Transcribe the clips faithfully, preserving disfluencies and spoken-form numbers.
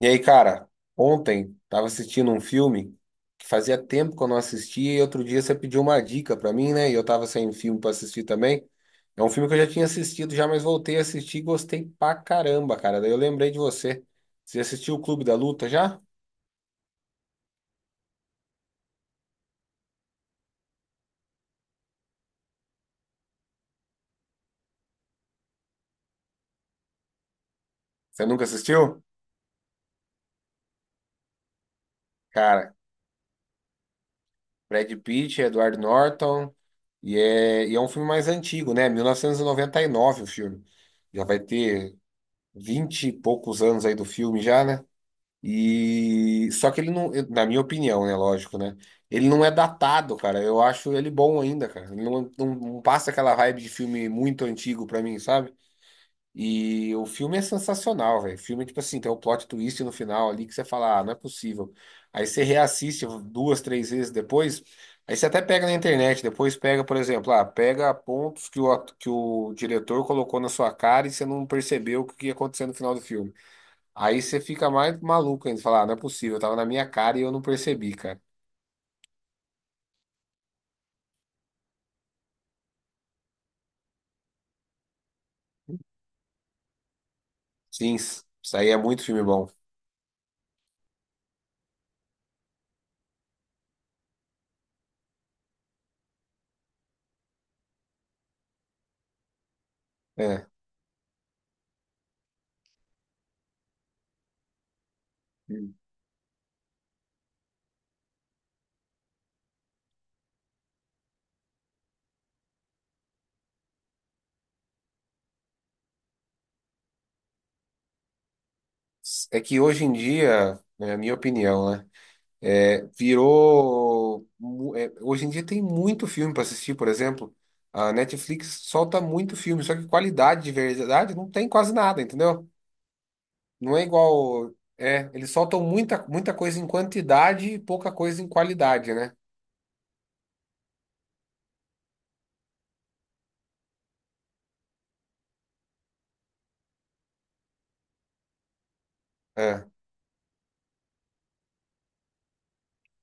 E aí, cara, ontem tava assistindo um filme que fazia tempo que eu não assistia e outro dia você pediu uma dica pra mim, né? E eu tava sem filme pra assistir também. É um filme que eu já tinha assistido já, mas voltei a assistir e gostei pra caramba, cara. Daí eu lembrei de você. Você assistiu o Clube da Luta já? Você nunca assistiu? Cara, Brad Pitt, Edward Norton e é, e é um filme mais antigo, né? mil novecentos e noventa e nove o filme. Já vai ter vinte e poucos anos aí do filme já, né? E só que ele não, na minha opinião, né, lógico, né? Ele não é datado, cara. Eu acho ele bom ainda, cara. Ele não, não, não passa aquela vibe de filme muito antigo pra mim, sabe? E o filme é sensacional, velho. O filme, tipo assim, tem um plot twist no final ali que você fala, ah, não é possível. Aí você reassiste duas, três vezes depois. Aí você até pega na internet, depois pega, por exemplo, ah, pega pontos que o, ato- que o diretor colocou na sua cara e você não percebeu o que ia acontecer no final do filme. Aí você fica mais maluco ainda, falar, ah, não é possível, tava na minha cara e eu não percebi, cara. Sim, isso aí é muito filme bom. É. É que hoje em dia, né, é a minha opinião, né? É, virou. Mu- é, hoje em dia tem muito filme pra assistir, por exemplo. A Netflix solta muito filme, só que qualidade de verdade não tem quase nada, entendeu? Não é igual. É, eles soltam muita, muita coisa em quantidade e pouca coisa em qualidade, né? É,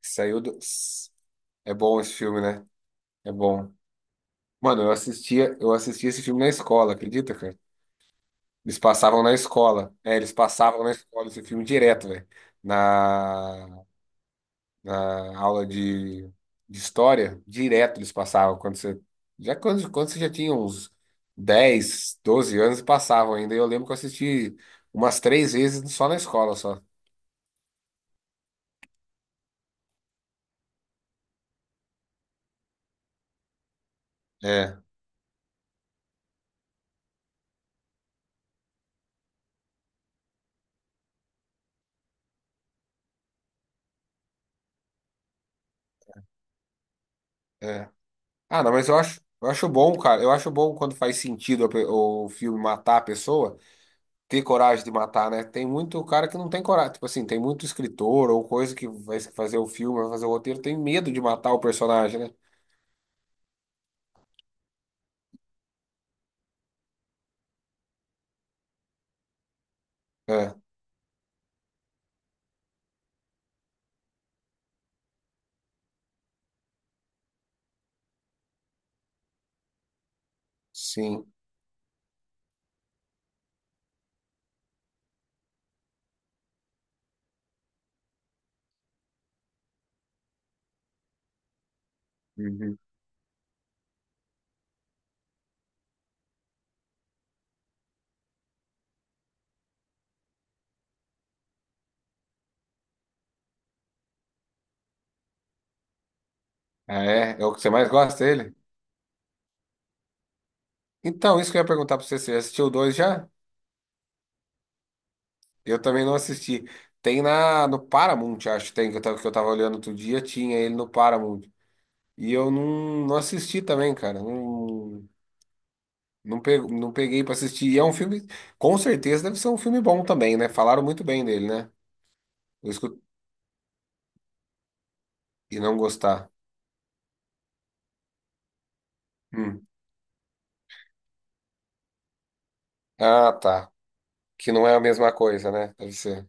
saiu do. É bom esse filme, né? É bom. Mano, eu assistia, eu assistia esse filme na escola, acredita, cara? Eles passavam na escola. É, eles passavam na escola esse filme direto, velho. Na, na aula de, de história, direto eles passavam. Quando você, já quando, quando você já tinha uns dez, doze anos, passavam ainda. Eu lembro que eu assisti umas três vezes só na escola, só. É, é. Ah, não, mas eu acho, eu acho bom, cara. Eu acho bom quando faz sentido a pe- o filme matar a pessoa. Ter coragem de matar, né? Tem muito cara que não tem coragem. Tipo assim, tem muito escritor ou coisa que vai fazer o filme, vai fazer o roteiro, tem medo de matar o personagem, né? É, sim. Uhum. Ah, é? É o que você mais gosta dele? Então, isso que eu ia perguntar pra você, você assistiu o dois já? Eu também não assisti. Tem na, no Paramount, acho, tem, que eu tava, que eu tava olhando outro dia, tinha ele no Paramount. E eu não, não assisti também, cara. Não, não, pe, não peguei pra assistir. E é um filme, com certeza deve ser um filme bom também, né? Falaram muito bem dele, né? Eu e não gostar. Hum. Ah, tá. Que não é a mesma coisa, né? Deve ser.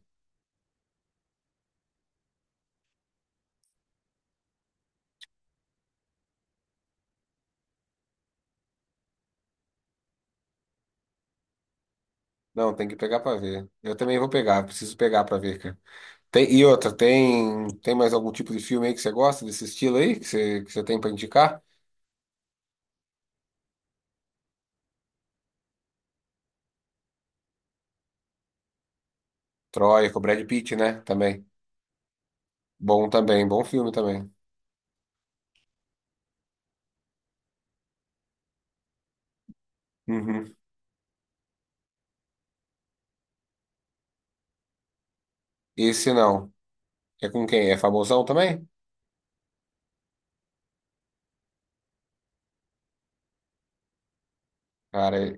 Não, tem que pegar pra ver. Eu também vou pegar, preciso pegar pra ver, cara. Tem, e outra, tem, tem mais algum tipo de filme aí que você gosta desse estilo aí? Que você, que você tem pra indicar? Troia, com o Brad Pitt, né? Também. Bom também, bom filme também. Uhum. Esse não. É com quem? É famosão também? Cara,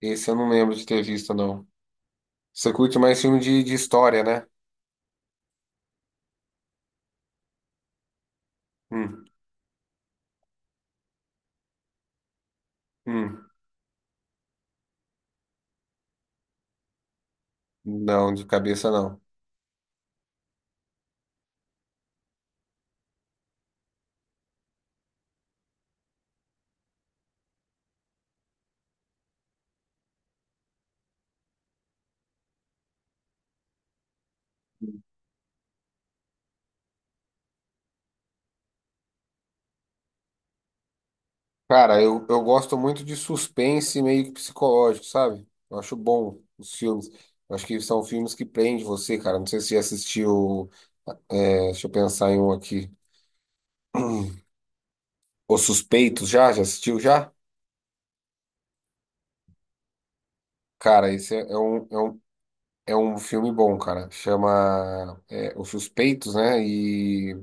esse eu não lembro de ter visto, não. Você curte mais filme de, de história, né? Hum, hum. Não, de cabeça não. Cara, eu, eu gosto muito de suspense meio que psicológico, sabe? Eu acho bom os filmes. Eu acho que são filmes que prendem você, cara. Não sei se você já assistiu. É, deixa eu pensar em um aqui. Os Suspeitos já? Já assistiu já? Cara, esse é, é um, é um, é um filme bom, cara. Chama é, Os Suspeitos, né? E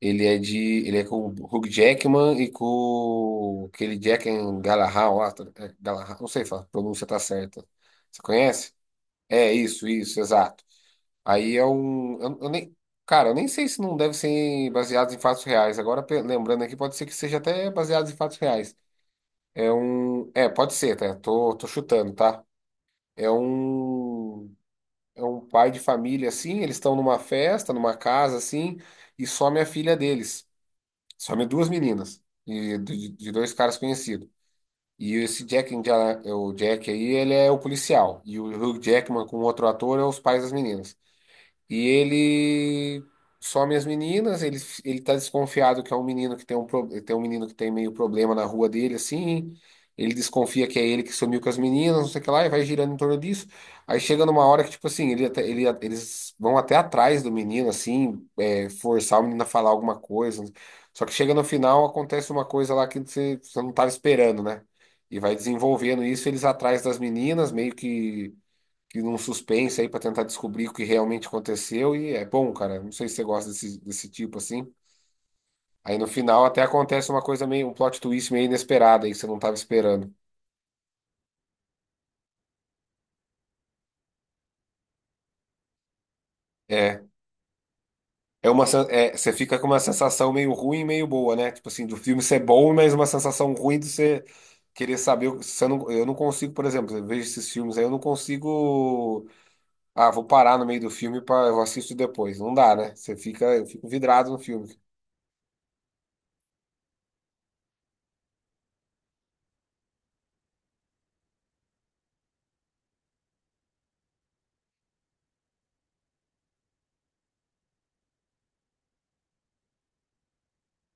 ele é de. Ele é com o Hugh Jackman e com aquele Jack and Galahad, lá, tá- é, Galahad, não sei se a pronúncia tá certa. Você conhece? É isso, isso, exato. Aí é um. Eu, eu nem, Cara, eu nem sei se não deve ser baseado em fatos reais. Agora, pe- lembrando aqui, pode ser que seja até baseado em fatos reais. É um. É, pode ser, tá? Tô, tô chutando, tá? É um. É um pai de família, assim. Eles estão numa festa, numa casa, assim. E some a filha deles. Some duas meninas. De, de, de dois caras conhecidos. E esse Jack, and Jill- o Jack aí, ele é o policial. E o Hugh Jackman com outro ator é os pais das meninas. E ele some as meninas, ele, ele tá desconfiado que é um menino que tem um, pro- tem um menino que tem meio problema na rua dele, assim. Ele desconfia que é ele que sumiu com as meninas, não sei o que lá, e vai girando em torno disso. Aí chega numa hora que, tipo assim, ele, até- ele- eles vão até atrás do menino, assim, é, forçar o menino a falar alguma coisa. Só que chega no final, acontece uma coisa lá que você, você não tava esperando, né? E vai desenvolvendo isso, eles atrás das meninas, meio que que num suspense aí pra tentar descobrir o que realmente aconteceu e é bom, cara. Não sei se você gosta desse, desse tipo assim. Aí no final até acontece uma coisa meio, um plot twist meio inesperado aí que você não tava esperando. É, é uma, sen- é, você fica com uma sensação meio ruim e meio boa, né? Tipo assim, do filme ser bom, mas uma sensação ruim de você querer saber. o- Você não, eu não consigo, por exemplo, eu vejo esses filmes aí, eu não consigo. Ah, vou parar no meio do filme para eu assisto depois. Não dá, né? Você fica, eu fico vidrado no filme.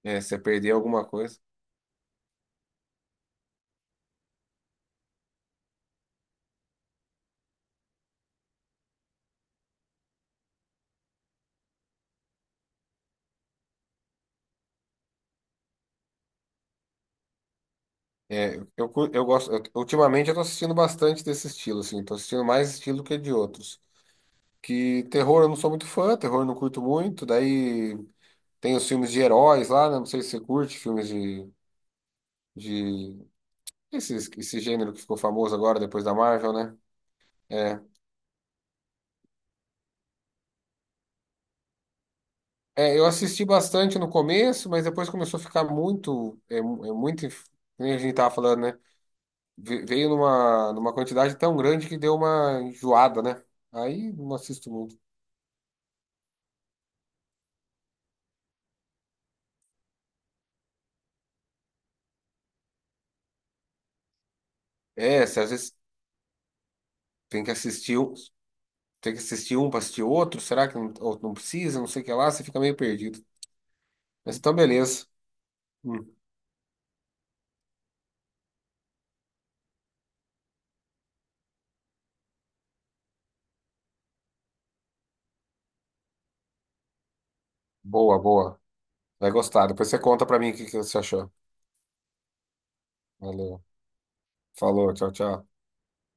É, se você perder alguma coisa. É, eu, cu- eu gosto. Eu- ultimamente eu tô assistindo bastante desse estilo, assim. Tô assistindo mais estilo que de outros. Que terror eu não sou muito fã, terror eu não curto muito. Daí tem os filmes de heróis lá, né? Não sei se você curte filmes de, de... Esse, esse gênero que ficou famoso agora depois da Marvel, né? É. É, eu assisti bastante no começo, mas depois começou a ficar muito, é, mu- é muito, inf- que nem a gente tava falando, né? Ve- Veio numa, numa quantidade tão grande que deu uma enjoada, né? Aí não assisto muito. É, se às vezes tem que assistir, um- tem que assistir um para assistir outro? Será que não, ou não precisa? Não sei o que lá, você fica meio perdido. Mas então, beleza. Hum, boa, boa. Vai gostar. Depois você conta pra mim o que que você achou. Valeu. Falou, tchau, tchau.